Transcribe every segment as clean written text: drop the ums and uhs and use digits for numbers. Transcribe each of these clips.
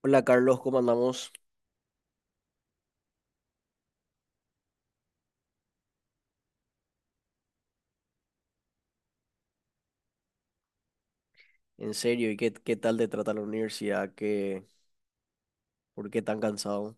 Hola Carlos, ¿cómo andamos? En serio, ¿y qué tal te trata la universidad? ¿Qué, por qué tan cansado?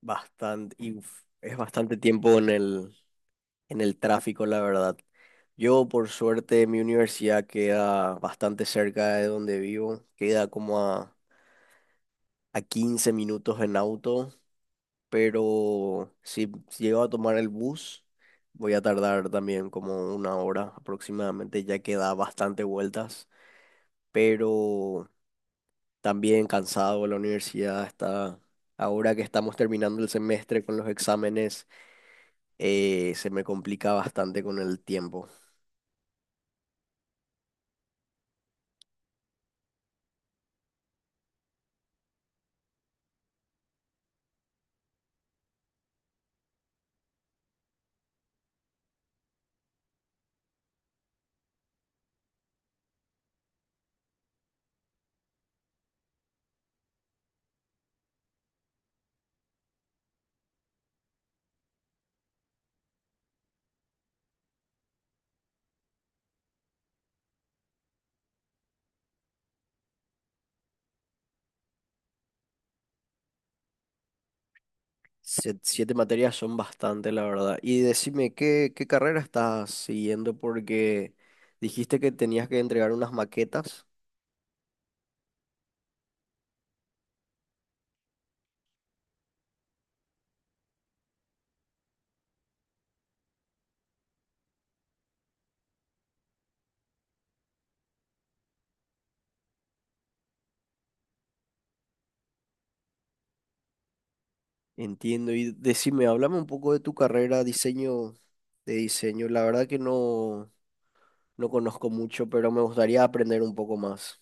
Bastante, y uf, es bastante tiempo en el tráfico, la verdad. Yo, por suerte, mi universidad queda bastante cerca de donde vivo, queda a 15 minutos en auto, pero si llego a tomar el bus, voy a tardar también como una hora aproximadamente, ya que da bastante vueltas, pero... También cansado, de la universidad está... Ahora que estamos terminando el semestre con los exámenes, se me complica bastante con el tiempo. 7 materias son bastante, la verdad. Y decime, qué carrera estás siguiendo? Porque dijiste que tenías que entregar unas maquetas. Entiendo. Y decime, háblame un poco de tu carrera, diseño de diseño. La verdad que no conozco mucho, pero me gustaría aprender un poco más.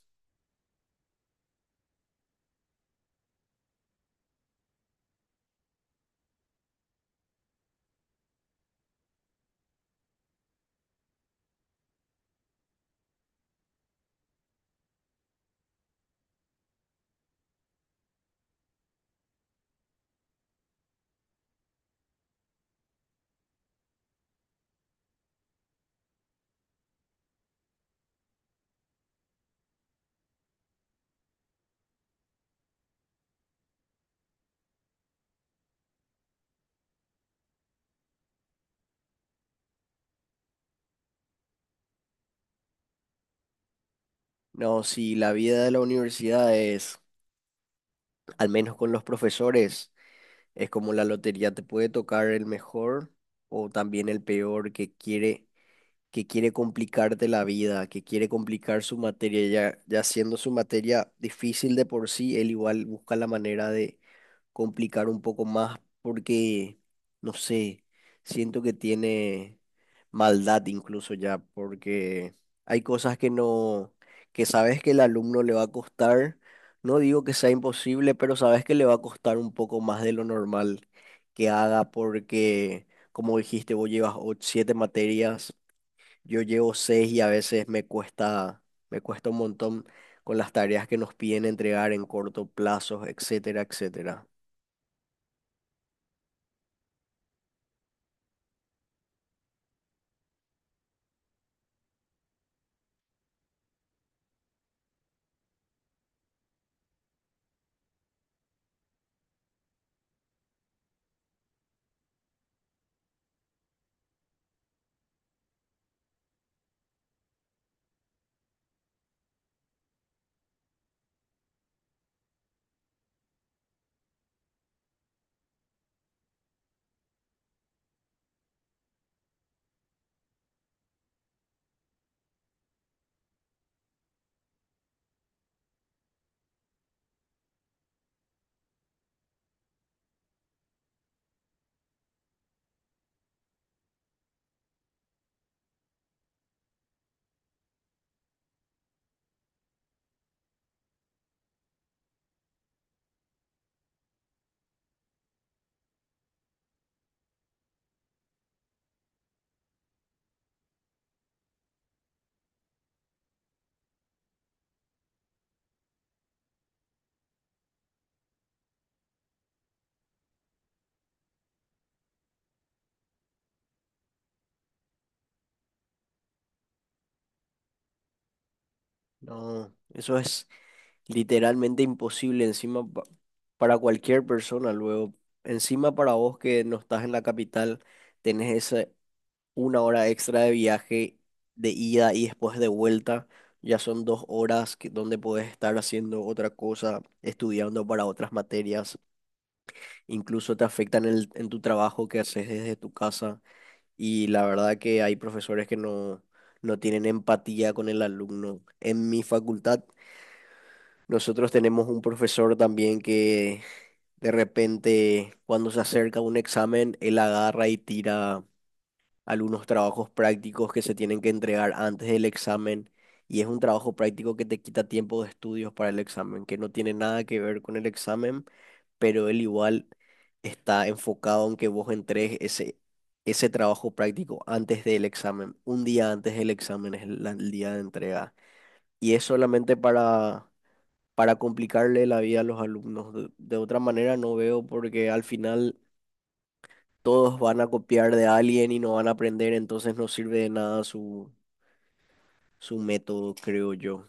No, sí, la vida de la universidad es... Al menos con los profesores, es como la lotería, te puede tocar el mejor o también el peor que quiere complicarte la vida, que quiere complicar su materia, ya siendo su materia difícil de por sí, él igual busca la manera de complicar un poco más porque, no sé, siento que tiene maldad incluso ya, porque hay cosas que no, que sabes que el alumno le va a costar, no digo que sea imposible, pero sabes que le va a costar un poco más de lo normal que haga porque, como dijiste, vos llevas 7 materias, yo llevo 6 y a veces me cuesta un montón con las tareas que nos piden entregar en corto plazo, etcétera, etcétera. No, eso es literalmente imposible encima para cualquier persona luego. Encima para vos que no estás en la capital, tenés esa una hora extra de viaje de ida y después de vuelta. Ya son 2 horas que, donde podés estar haciendo otra cosa, estudiando para otras materias. Incluso te afectan en, en tu trabajo que haces desde tu casa. Y la verdad que hay profesores que no, no tienen empatía con el alumno. En mi facultad nosotros tenemos un profesor también que de repente cuando se acerca un examen, él agarra y tira algunos trabajos prácticos que se tienen que entregar antes del examen, y es un trabajo práctico que te quita tiempo de estudios para el examen, que no tiene nada que ver con el examen, pero él igual está enfocado en que vos entregues ese trabajo práctico antes del examen. Un día antes del examen es el día de entrega. Y es solamente para complicarle la vida a los alumnos. De otra manera no veo, porque al final todos van a copiar de alguien y no van a aprender, entonces no sirve de nada su método, creo yo.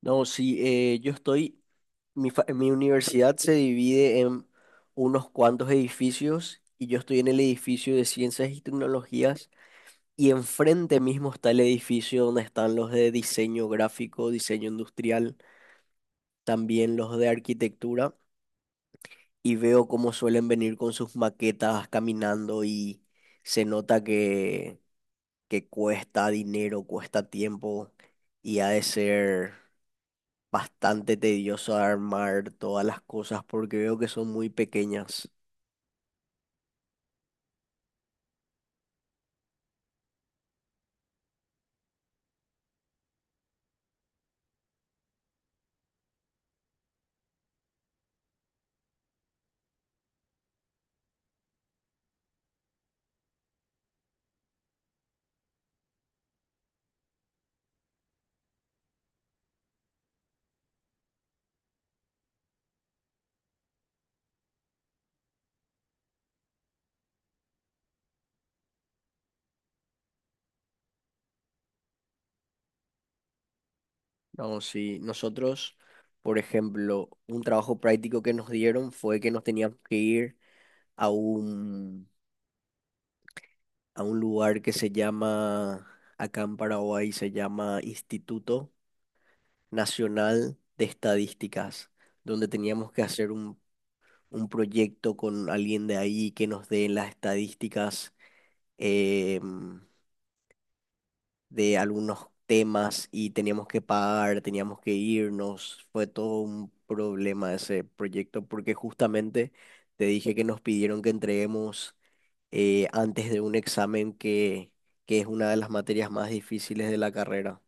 No, sí, yo estoy, mi universidad se divide en unos cuantos edificios y yo estoy en el edificio de ciencias y tecnologías. Y enfrente mismo está el edificio donde están los de diseño gráfico, diseño industrial, también los de arquitectura. Y veo cómo suelen venir con sus maquetas caminando y se nota que cuesta dinero, cuesta tiempo y ha de ser bastante tedioso armar todas las cosas porque veo que son muy pequeñas. No, sí, nosotros, por ejemplo, un trabajo práctico que nos dieron fue que nos teníamos que ir a un, a un lugar que se llama, acá en Paraguay se llama Instituto Nacional de Estadísticas, donde teníamos que hacer un proyecto con alguien de ahí que nos dé las estadísticas, em, de algunos temas, y teníamos que pagar, teníamos que irnos. Fue todo un problema ese proyecto porque justamente te dije que nos pidieron que entreguemos, antes de un examen que es una de las materias más difíciles de la carrera.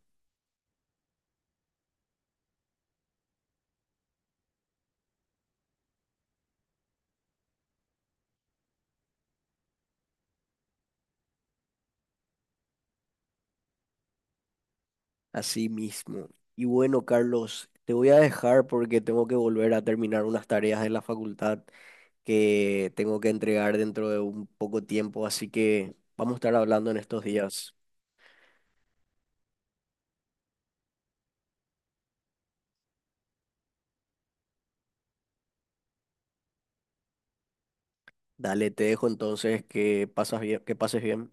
Así mismo. Y bueno, Carlos, te voy a dejar porque tengo que volver a terminar unas tareas en la facultad que tengo que entregar dentro de un poco tiempo, así que vamos a estar hablando en estos días. Dale, te dejo entonces que que pases bien.